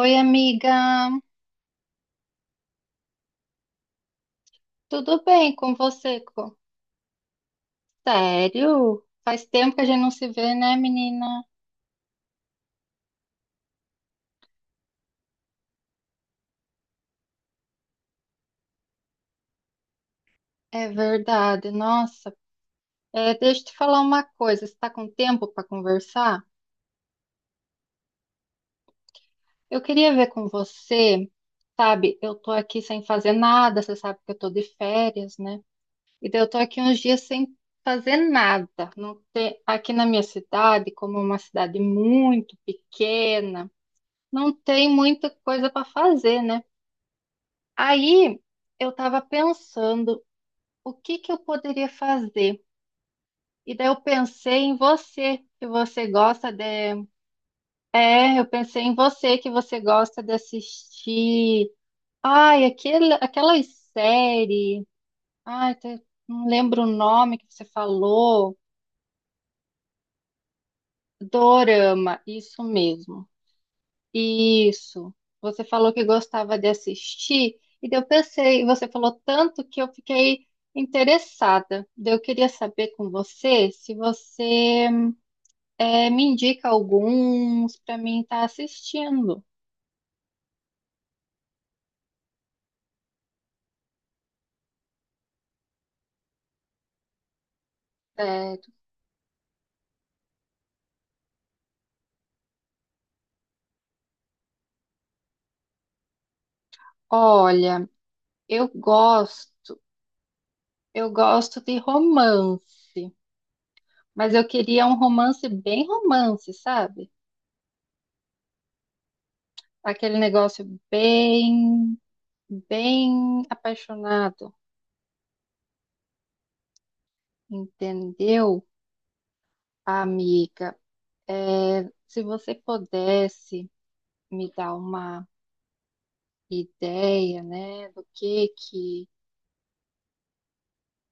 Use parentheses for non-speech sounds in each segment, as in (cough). Oi, amiga. Tudo bem com você? Sério? Faz tempo que a gente não se vê, né, menina? É verdade. Deixa eu te falar uma coisa. Você está com tempo para conversar? Eu queria ver com você, sabe? Eu tô aqui sem fazer nada. Você sabe que eu tô de férias, né? E daí eu tô aqui uns dias sem fazer nada. Não tem... Aqui na minha cidade, como é uma cidade muito pequena, não tem muita coisa para fazer, né? Aí eu estava pensando o que que eu poderia fazer. E daí eu pensei em você, que você gosta de. É, eu pensei em você, que você gosta de assistir. Ai, aquelas séries. Ai, te- não lembro o nome que você falou. Dorama, isso mesmo. Isso. Você falou que gostava de assistir, e daí eu pensei, você falou tanto que eu fiquei interessada. Daí eu queria saber com você se você me indica alguns para mim estar assistindo. Certo. Olha, eu gosto, eu gosto de romance, mas eu queria um romance bem romance, sabe? Aquele negócio bem, bem apaixonado, entendeu? Amiga, se você pudesse me dar uma ideia, né, do que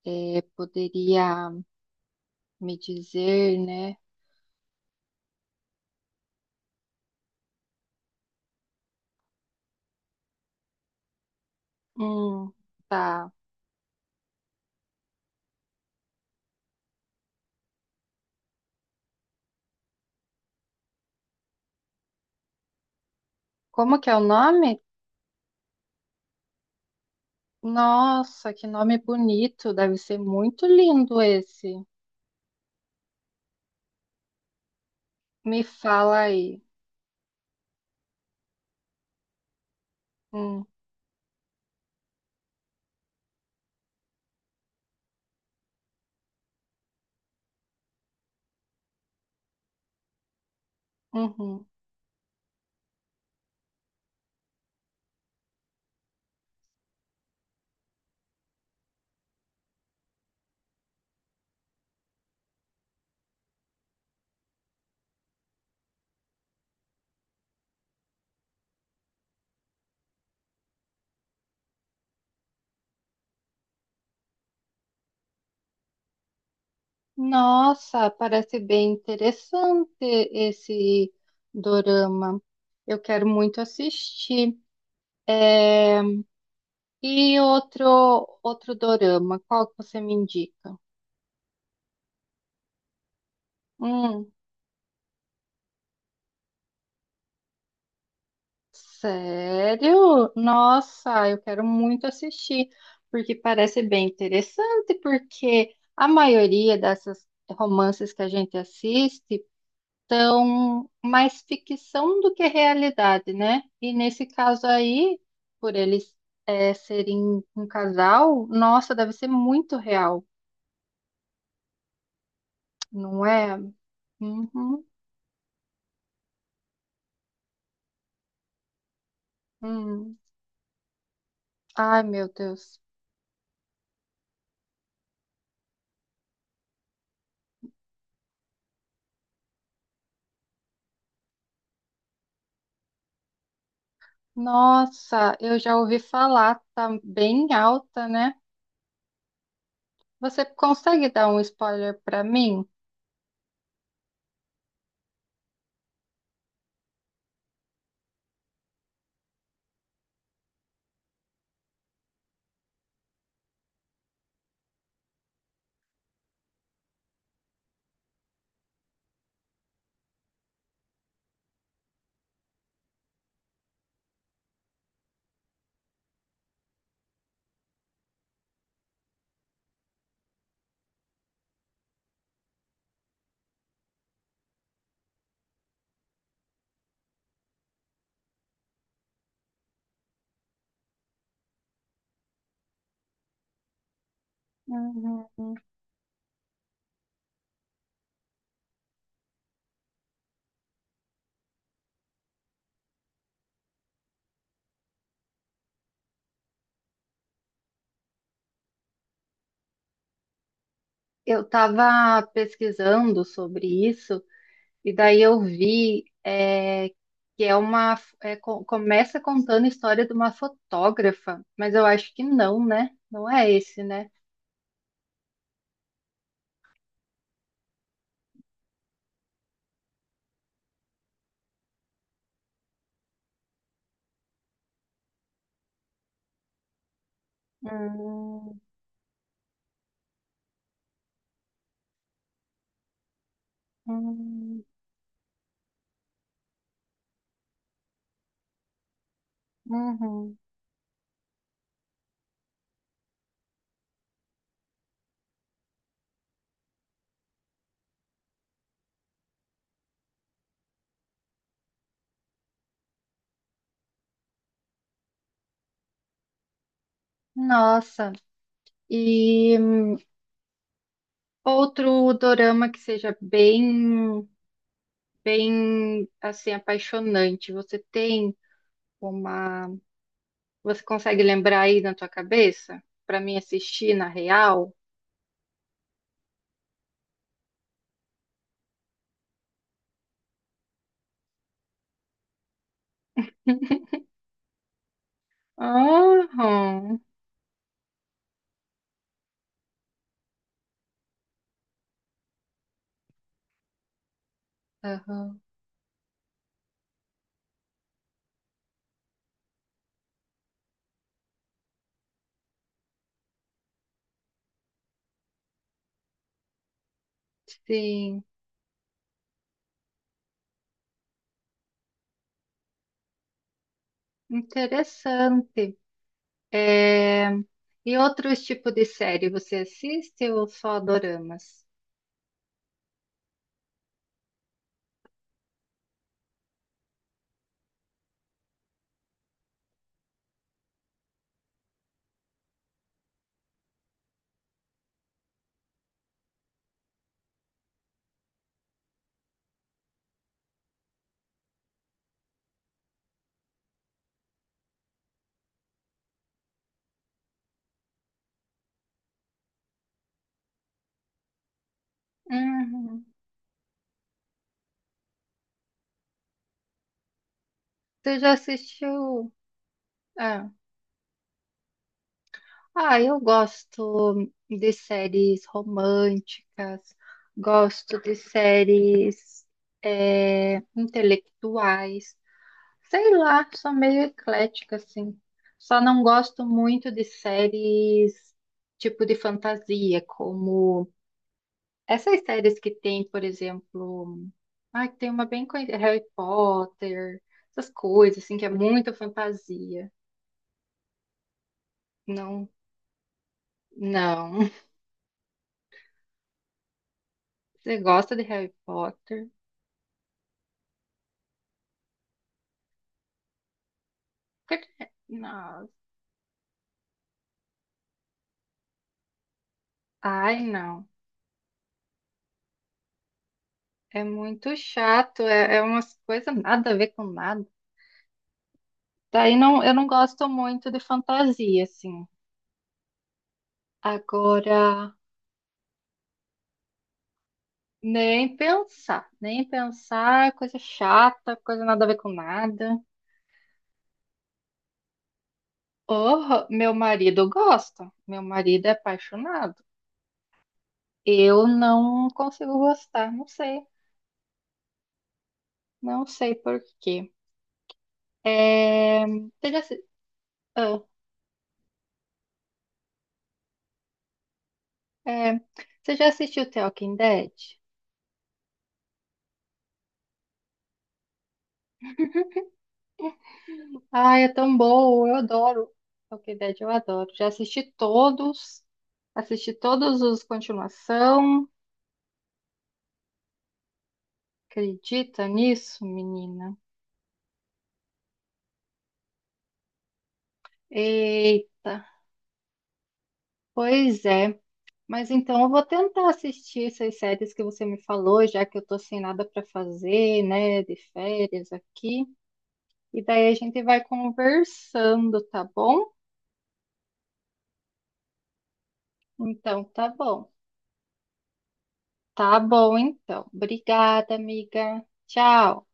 poderia me dizer, né? Hum, tá. Como que é o nome? Nossa, que nome bonito! Deve ser muito lindo esse. Me fala aí. Hum, uhum. Nossa, parece bem interessante esse dorama. Eu quero muito assistir. É, e outro dorama, qual que você me indica? Hum, sério? Nossa, eu quero muito assistir, porque parece bem interessante, porque a maioria dessas romances que a gente assiste são mais ficção do que realidade, né? E nesse caso aí, por eles serem um casal, nossa, deve ser muito real, não é? Uhum, hum. Ai, meu Deus. Nossa, eu já ouvi falar, tá bem alta, né? Você consegue dar um spoiler para mim? Uhum. Eu estava pesquisando sobre isso e daí eu vi que é uma começa contando a história de uma fotógrafa, mas eu acho que não, né? Não é esse, né? Hum, hum, uhum. Nossa, e outro dorama que seja bem assim apaixonante. Você tem uma, você consegue lembrar aí na tua cabeça para mim assistir na real? Aham, aham, sim, interessante. É, e outros tipos de série você assiste ou só doramas? Uhum. Você já assistiu? Ah, Ah, eu gosto de séries românticas, gosto de séries intelectuais, sei lá, sou meio eclética, assim. Só não gosto muito de séries tipo de fantasia, como essas séries que tem, por exemplo, ah, que tem uma bem conhecida, Harry Potter, essas coisas, assim, que é muito fantasia. Não, não. (laughs) Você gosta de Harry Potter? Nossa. Ai, não. É muito chato. É, é umas coisas nada a ver com nada. Daí não, eu não gosto muito de fantasia, assim. Agora, nem pensar. Nem pensar, coisa chata, coisa nada a ver com nada. Oh, meu marido gosta. Meu marido é apaixonado. Eu não consigo gostar. Não sei. Não sei por quê. É, Você já, assi- ah, é, Você já assistiu The Walking Dead? Ai, é tão bom, eu adoro. Walking Dead eu adoro. Assisti todos os continuação. Acredita nisso, menina? Eita, pois é. Mas então eu vou tentar assistir essas séries que você me falou, já que eu tô sem nada para fazer, né, de férias aqui. E daí a gente vai conversando, tá bom? Então tá bom. Tá bom, então. Obrigada, amiga. Tchau.